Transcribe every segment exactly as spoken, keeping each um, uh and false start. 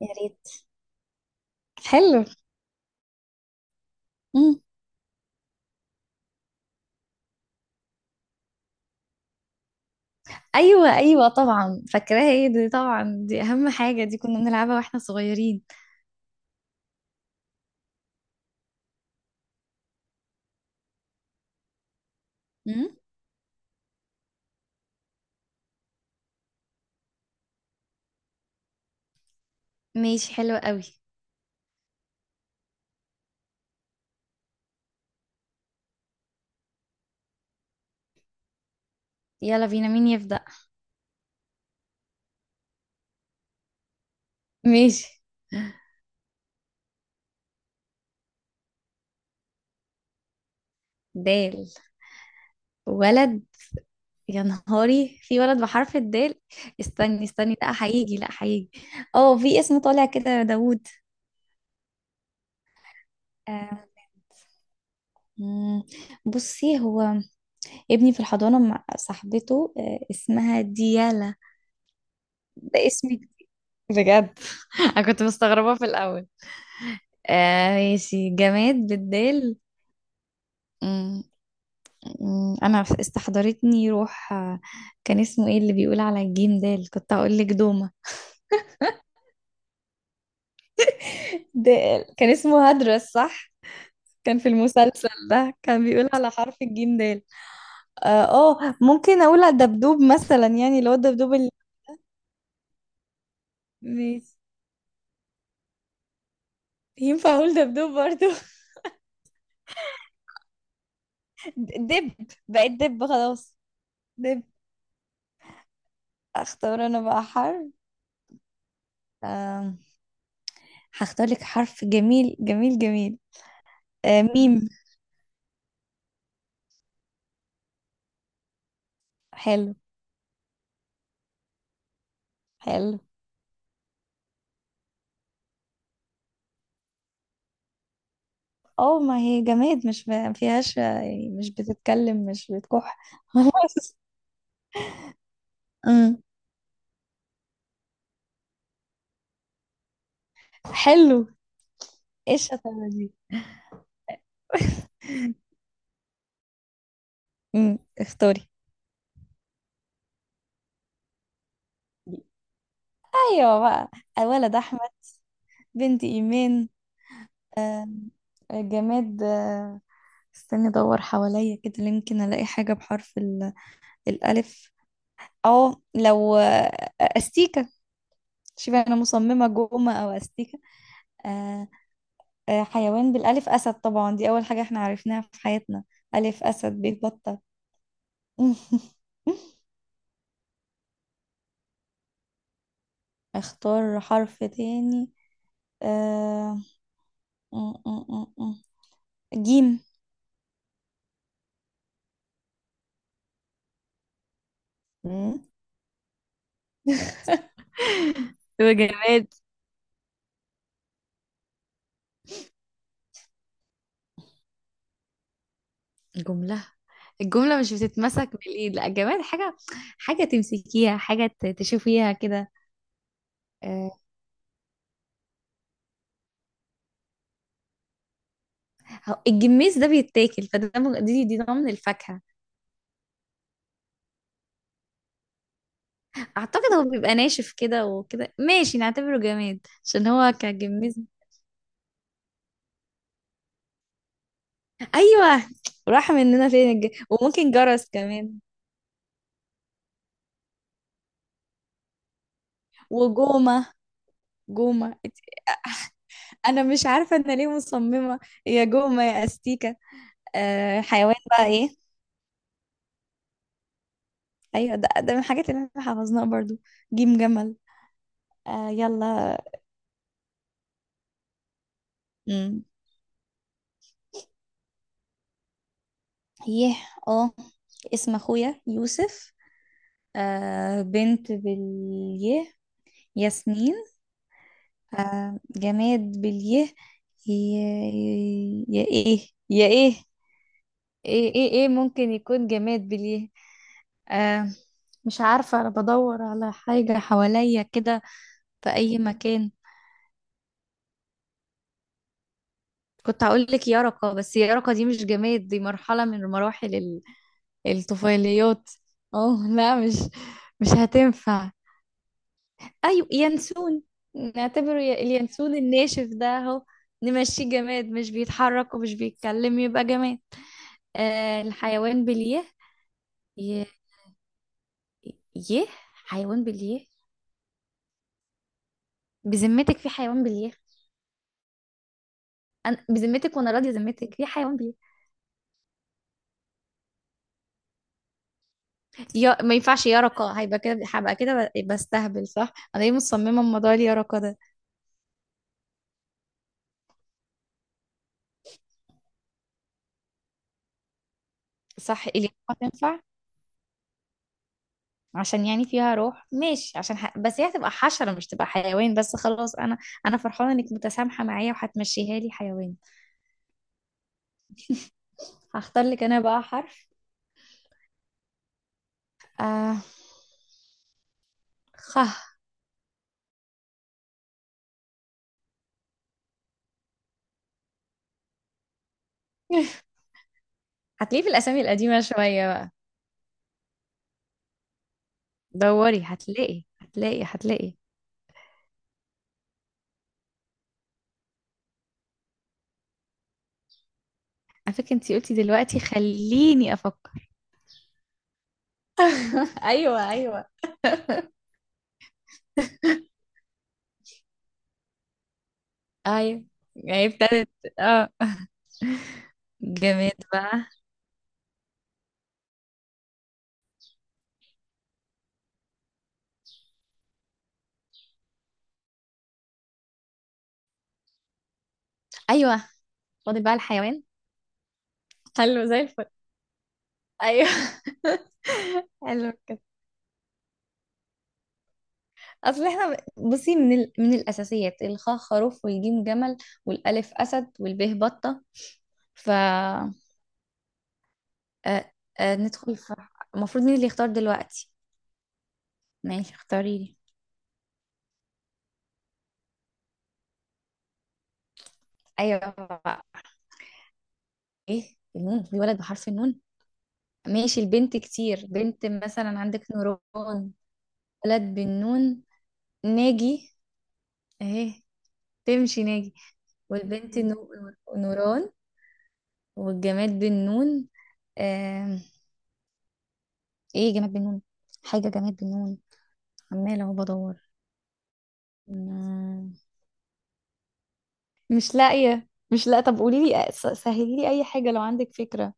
يا ريت. حلو. مم. ايوه، ايوه، طبعا فاكراها، ايه دي، طبعا دي اهم حاجه، دي كنا بنلعبها واحنا صغيرين. مم. ماشي، حلو قوي. يلا بينا، مين يبدأ؟ ماشي. دال. ولد. يا نهاري، في ولد بحرف الدال؟ استني استني لا هيجي لا هيجي. اه، في اسم طالع كده، داوود. آه، مم. بصي، هو ابني في الحضانة مع صاحبته آه، اسمها ديالا. ده اسمي بجد. انا كنت مستغربة في الاول. آه، ماشي، جماد بالدال. أمم، أمم، انا استحضرتني روح. آه، كان اسمه ايه اللي بيقول على الجيم ده اللي كنت اقول لك؟ دومة. دال، كان اسمه هدرس، صح؟ كان في المسلسل ده كان بيقول على حرف الجيم دال. اه. آه، ممكن اقول على الدبدوب مثلا، يعني اللي هو الدبدوب اللي... ماشي. ينفع اقول دبدوب برضو؟ دب. بقيت دب خلاص. دب. اختار انا بقى حرف. آم، هختار لك حرف جميل جميل جميل. آه، ميم. حلو. حلو. اه، ما هي جماد، مش ما فيهاش يعني، مش بتتكلم مش بتكح. خلاص. امم حلو. ايه الشطاره دي! امم اختاري. ايوه بقى. ولد احمد. بنت ايمان. آم، جماد. آه، استني ادور حواليا كده، يمكن الاقي حاجه بحرف ال- الالف. اه لو آه، استيكه. شوفي، انا مصممه جومه او استيكه. آه، آه، حيوان بالألف، أسد طبعا، دي أول حاجة احنا عرفناها في حياتنا. ألف أسد، بيت بطة. اختار حرف تاني. آه... م- م- م- م. جيم. مم. وجماد؟ جملة. الجملة مش بتتمسك بالإيد، لا، جماد حاجة، حاجة تمسكيها، حاجة ت- تشوفيها كده. آه، هو الجميز ده بيتاكل، فده م- دي دي نوع من الفاكهة. أعتقد هو بيبقى ناشف كده وكده، ماشي نعتبره جماد عشان هو كجميز. ايوه. راح مننا فين الج... وممكن جرس كمان. وجومة. جومة. انا مش عارفة انا ليه مصممة. يا جومة يا استيكة. آه، حيوان بقى ايه؟ ايوه، ده, ده من الحاجات اللي احنا حفظناها برضو. جيم جمل. آه، يلا. امم يه. اه. اسم اخويا يوسف. آه، بنت باليه، ياسمين. آه، جماد باليه. يا, يا ايه يا ايه؟ ايه ايه ايه، ممكن يكون جماد بليه. آه. مش عارفة، انا بدور على حاجة حواليا كده، في اي مكان. كنت هقول لك يرقة، بس يرقة دي مش جماد، دي مرحلة من مراحل ال- الطفيليات. اه لا، مش... مش هتنفع. ايوه، ينسون. نعتبره ي- اليانسون الناشف ده اهو، نمشيه جماد، مش بيتحرك ومش بيتكلم يبقى جماد. آه، الحيوان بليه؟ يه. يه. حيوان بليه؟ بذمتك في حيوان بليه؟ انا بذمتك، وانا راضيه ذمتك، في حيوان بي... يا ما ينفعش، يا رقا هيبقى كده، هبقى كده ب- بستهبل، صح؟ انا ليه مصممه الموضوع اللي يا رقا ده. صح، اللي تنفع، عشان يعني فيها روح، ماشي، عشان ح... بس هي هتبقى حشره مش تبقى حيوان. بس خلاص انا، انا فرحانه انك متسامحه معايا وهتمشيها لي حيوان. هختار لك انا بقى حرف. آه... خ. هتلاقيه في الاسامي القديمه شويه بقى. دوري هتلاقي هتلاقي هتلاقي. على فكره انتي قلتي دلوقتي خليني افكر. ايوه ايوه ايوه. يعني ابتدت. اه. جماد بقى. ايوه. فاضل بقى الحيوان. حلو، زي الفل. ايوه. حلو كده. اصل احنا بصي من ال... من الاساسيات، الخاء خروف والجيم جمل والالف اسد والباء بطه. ف آه، آه، ندخل في... المفروض مين اللي يختار دلوقتي؟ ماشي، اختاري لي. ايوه بقى. ايه النون، في ولد بحرف النون؟ ماشي، البنت كتير، بنت مثلا عندك نوران. ولد بالنون، ناجي. اهي، تمشي ناجي. والبنت نو- نوران. والجماد بالنون. آم، ايه جماد بالنون؟ حاجة جماد بالنون. عمالة اهو بدور. مم، مش لاقية مش لاقية. طب قولي لي، سهلي لي اي حاجة لو عندك فكرة.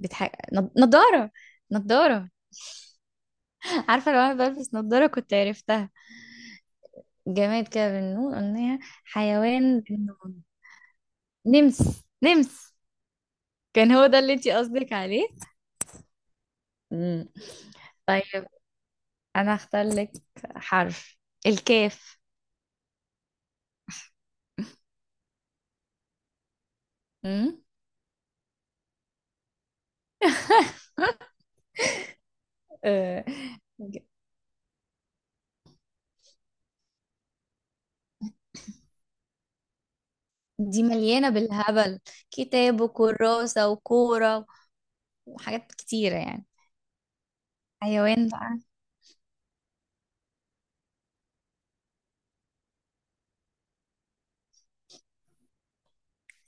بتح... نض- نضارة. نضارة. عارفة، لو انا بلبس نضارة كنت عرفتها. جماد كده بالنون قلناها. حيوان بالنون. نمس نمس. كان هو ده اللي انتي قصدك عليه؟ مم. طيب، انا هختار لك حرف الكاف. امم آه، دي مليانة بالهبل، كتاب وكراسة وكورة وحاجات كتيرة يعني. حيوان بقى.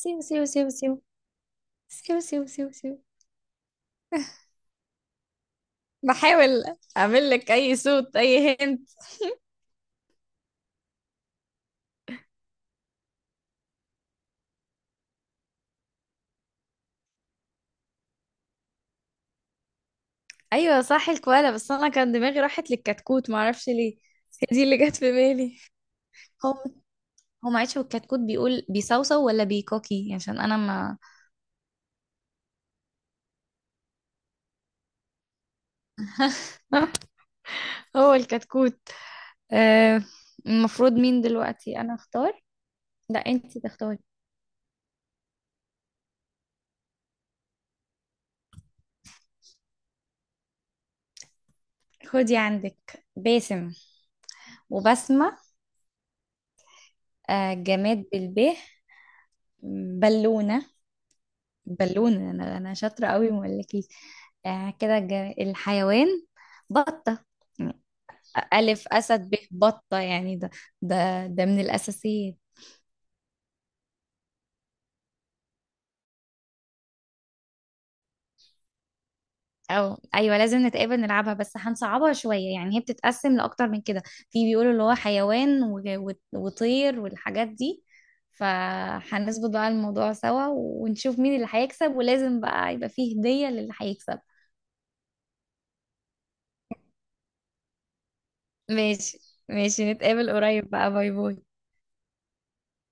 سيو سيو سيو سيو سيو سيو سيو سيو. بحاول اعمل لك اي صوت، اي هنت. ايوه صح، الكوالا، بس انا كان دماغي راحت للكتكوت معرفش ليه. هي دي اللي جت في بالي. هو هو معلش، هو الكتكوت بيقول بيصوصو ولا بيكوكي عشان انا ما... هو الكتكوت. آه، المفروض مين دلوقتي انا اختار؟ لا، انتي تختاري. خدي عندك باسم وبسمة. آه، جماد بالب، بالونة. بالونة، انا انا شاطرة قوي ما اقولكيش. آه، كده جا- الحيوان، بطة. ألف أسد، ب بطة، يعني ده ده ده من الأساسيات. او ايوه، لازم نتقابل نلعبها، بس هنصعبها شويه، يعني هي بتتقسم لاكتر من كده، في بيقولوا اللي هو حيوان و- و- وطير والحاجات دي. فهنظبط بقى الموضوع سوا، ونشوف مين اللي هيكسب، ولازم بقى يبقى فيه هديه للي هيكسب. ماشي. ماشي، نتقابل قريب بقى، باي باي.